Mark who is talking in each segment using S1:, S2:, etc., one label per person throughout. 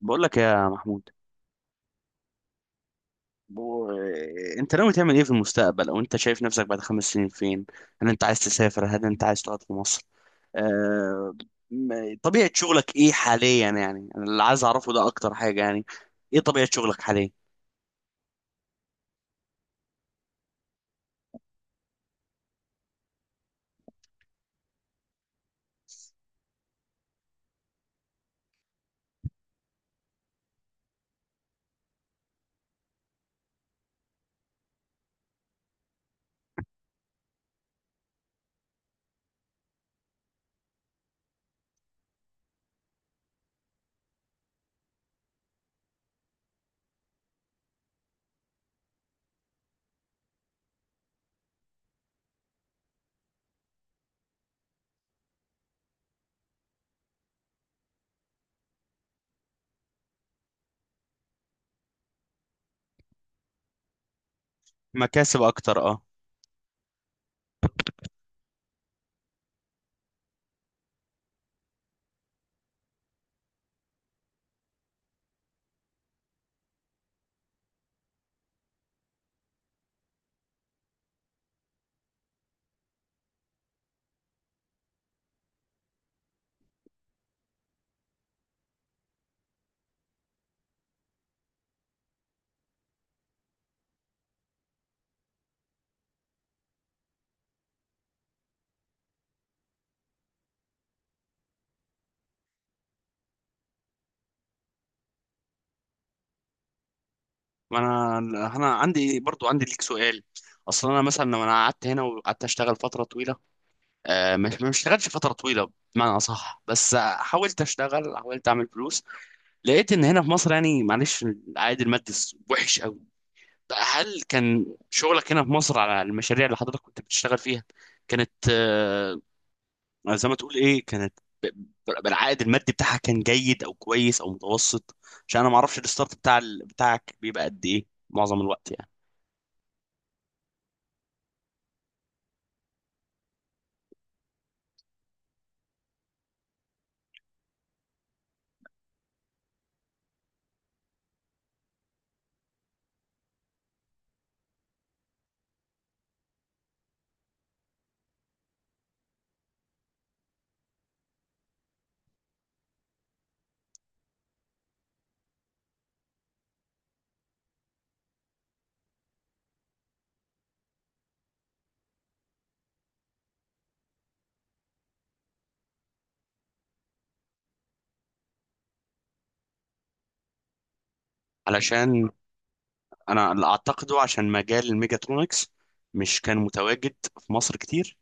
S1: بقول لك يا محمود. بو... انت ناوي تعمل ايه في المستقبل، او انت شايف نفسك بعد خمس سنين فين؟ هل انت عايز تسافر؟ هل انت عايز تقعد في مصر؟ آه... طبيعة شغلك ايه حاليا؟ يعني انا اللي عايز اعرفه ده اكتر حاجة يعني. ايه طبيعة شغلك حاليا؟ مكاسب اكتر، اه. ما انا عندي، برضو عندي ليك سؤال. اصلا انا مثلا لو انا قعدت هنا وقعدت اشتغل فترة طويلة. مش ما اشتغلتش فترة طويلة بمعنى اصح، بس حاولت اشتغل، حاولت اعمل فلوس. لقيت ان هنا في مصر يعني، معلش، العائد المادي وحش قوي. هل كان شغلك هنا في مصر على المشاريع اللي حضرتك كنت بتشتغل فيها كانت، زي ما تقول ايه، كانت بالعائد المادي بتاعها كان جيد او كويس او متوسط؟ عشان انا ما اعرفش الستارت بتاع بتاعك بيبقى قد ايه معظم الوقت يعني. علشان انا اللي اعتقده عشان مجال الميجاترونكس مش كان متواجد في مصر كتير،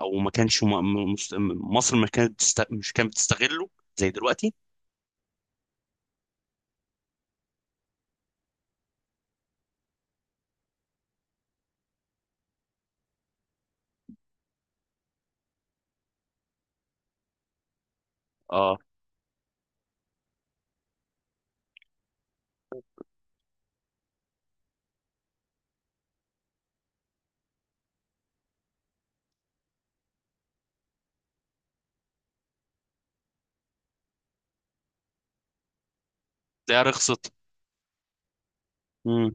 S1: او ما كانش مصر ما كانت مش كانت بتستغله زي دلوقتي. اه، تلاقيها رخصت. مم.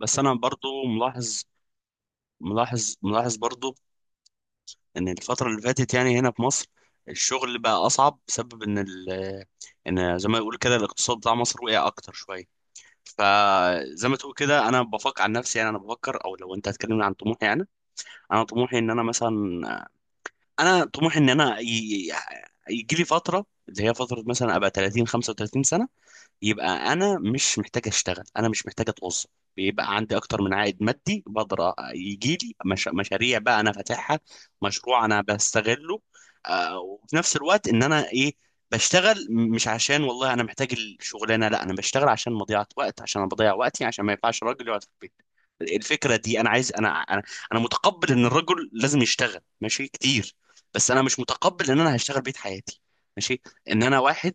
S1: بس انا برضو ملاحظ، ملاحظ برضو ان الفتره اللي فاتت يعني هنا في مصر، الشغل بقى اصعب بسبب ان زي ما يقول كده الاقتصاد بتاع مصر وقع اكتر شويه. فزي ما تقول كده انا بفكر عن نفسي يعني، انا بفكر، او لو انت هتكلمني عن طموحي يعني، انا طموحي ان انا مثلا، انا طموحي ان انا يجي لي فتره اللي هي فتره مثلا ابقى 30 35 سنه، يبقى انا مش محتاج اشتغل، انا مش محتاج اتوظف. بيبقى عندي اكتر من عائد مادي، بقدر يجي لي مش... مشاريع بقى انا فاتحها، مشروع انا بستغله. آه، وفي نفس الوقت ان انا ايه، بشتغل، مش عشان والله انا محتاج الشغلانه، لا انا بشتغل عشان مضيعه وقت، عشان انا بضيع وقتي، عشان ما ينفعش راجل يقعد في البيت. الفكره دي انا عايز، انا متقبل ان الرجل لازم يشتغل، ماشي، كتير. بس انا مش متقبل ان انا هشتغل بيت حياتي، ماشي، ان انا واحد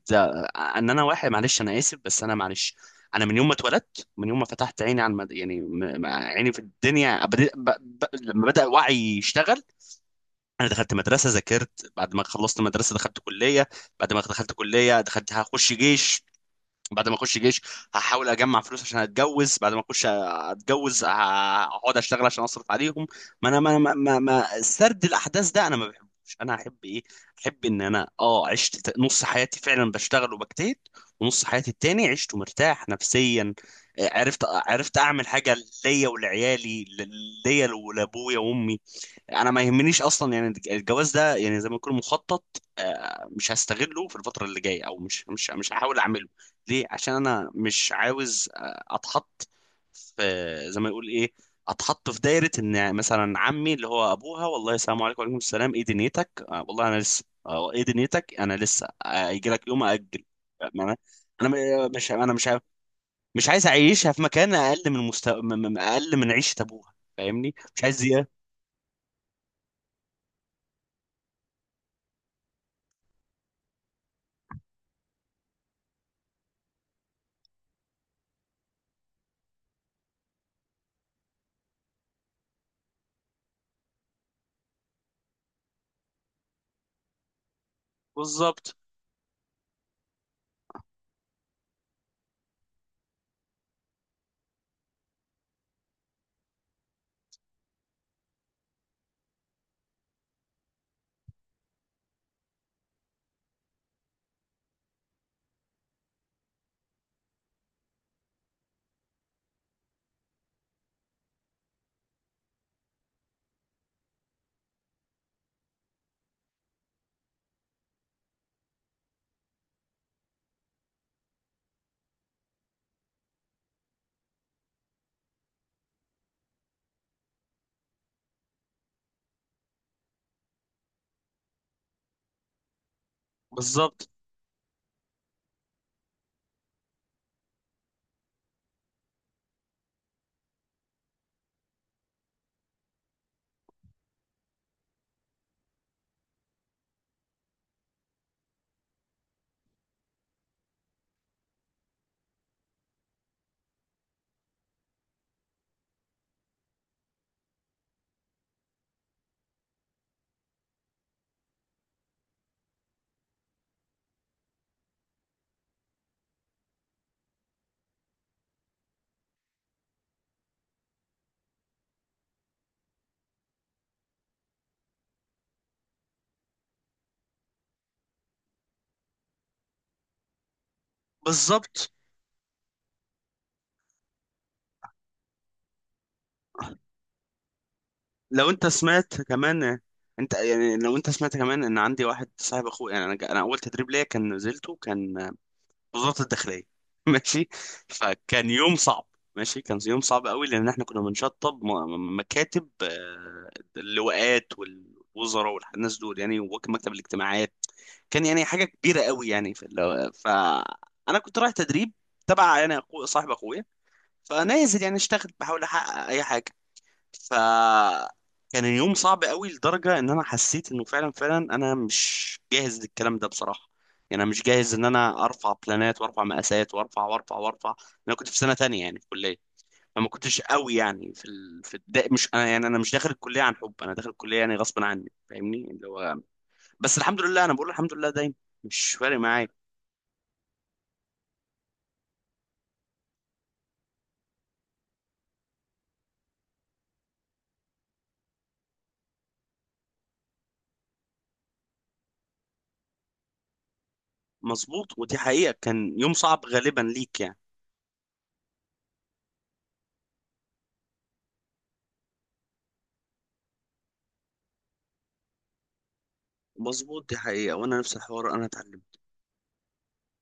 S1: ان انا واحد، معلش انا اسف، بس انا معلش. انا من يوم ما اتولدت، من يوم ما فتحت عيني على يعني عيني في الدنيا، لما بدأ وعي يشتغل، انا دخلت مدرسه، ذاكرت، بعد ما خلصت مدرسه دخلت كليه، بعد ما دخلت كليه دخلت هخش جيش، بعد ما اخش جيش هحاول اجمع فلوس عشان اتجوز، بعد ما اخش اتجوز هقعد اشتغل عشان اصرف عليهم. ما انا ما سرد الاحداث ده انا ما بحبوش، انا احب ايه؟ احب ان انا، عشت نص حياتي فعلا بشتغل وبجتهد، ونص حياتي التاني عشت مرتاح نفسيا. عرفت اعمل حاجه ليا ولعيالي، ليا ولابويا وامي. انا ما يهمنيش اصلا يعني، الجواز ده يعني زي ما يكون مخطط. مش هستغله في الفتره اللي جايه، او مش هحاول اعمله. ليه؟ عشان انا مش عاوز، اتحط في، زي ما يقول ايه، اتحط في دايره. ان مثلا عمي اللي هو ابوها: والله السلام عليكم. وعليكم السلام. ايه دنيتك؟ والله انا لسه. ايه دنيتك؟ انا لسه. هيجي لك يوم، اجل. ما انا انا مش انا مش عايز اعيشها في مكان اقل من مستوى، اقل من عيشه ابوها، فاهمني؟ مش عايز زياده. بالظبط، بالظبط، بالظبط. لو انت سمعت كمان، انت يعني لو انت سمعت كمان ان عندي واحد صاحب اخويا يعني، انا انا اول تدريب ليا كان نزلته كان وزارة الداخلية ماشي. فكان يوم صعب، ماشي، كان يوم صعب قوي لان احنا كنا بنشطب مكاتب، اللواءات والوزراء والناس دول يعني، ومكتب الاجتماعات. كان يعني حاجة كبيرة قوي يعني في فانا كنت رايح تدريب تبع يعني اخو صاحب اخويا. فنازل يعني اشتغل بحاول احقق اي حاجة. فكان اليوم صعب قوي لدرجة ان انا حسيت انه فعلا، فعلا انا مش جاهز للكلام ده بصراحة. يعني انا مش جاهز ان انا ارفع بلانات وارفع مقاسات وارفع وارفع وارفع. انا كنت في سنة تانية يعني في الكلية، فما كنتش قوي يعني في مش انا يعني، انا مش داخل الكلية عن حب، انا داخل الكلية يعني غصب عني، فاهمني اللي هو. بس الحمد لله، انا بقول الحمد لله دايما، مش فارق معايا. مظبوط، ودي حقيقة، كان يوم صعب غالبا ليك يعني. مظبوط، دي حقيقة، وانا نفس الحوار انا اتعلمت.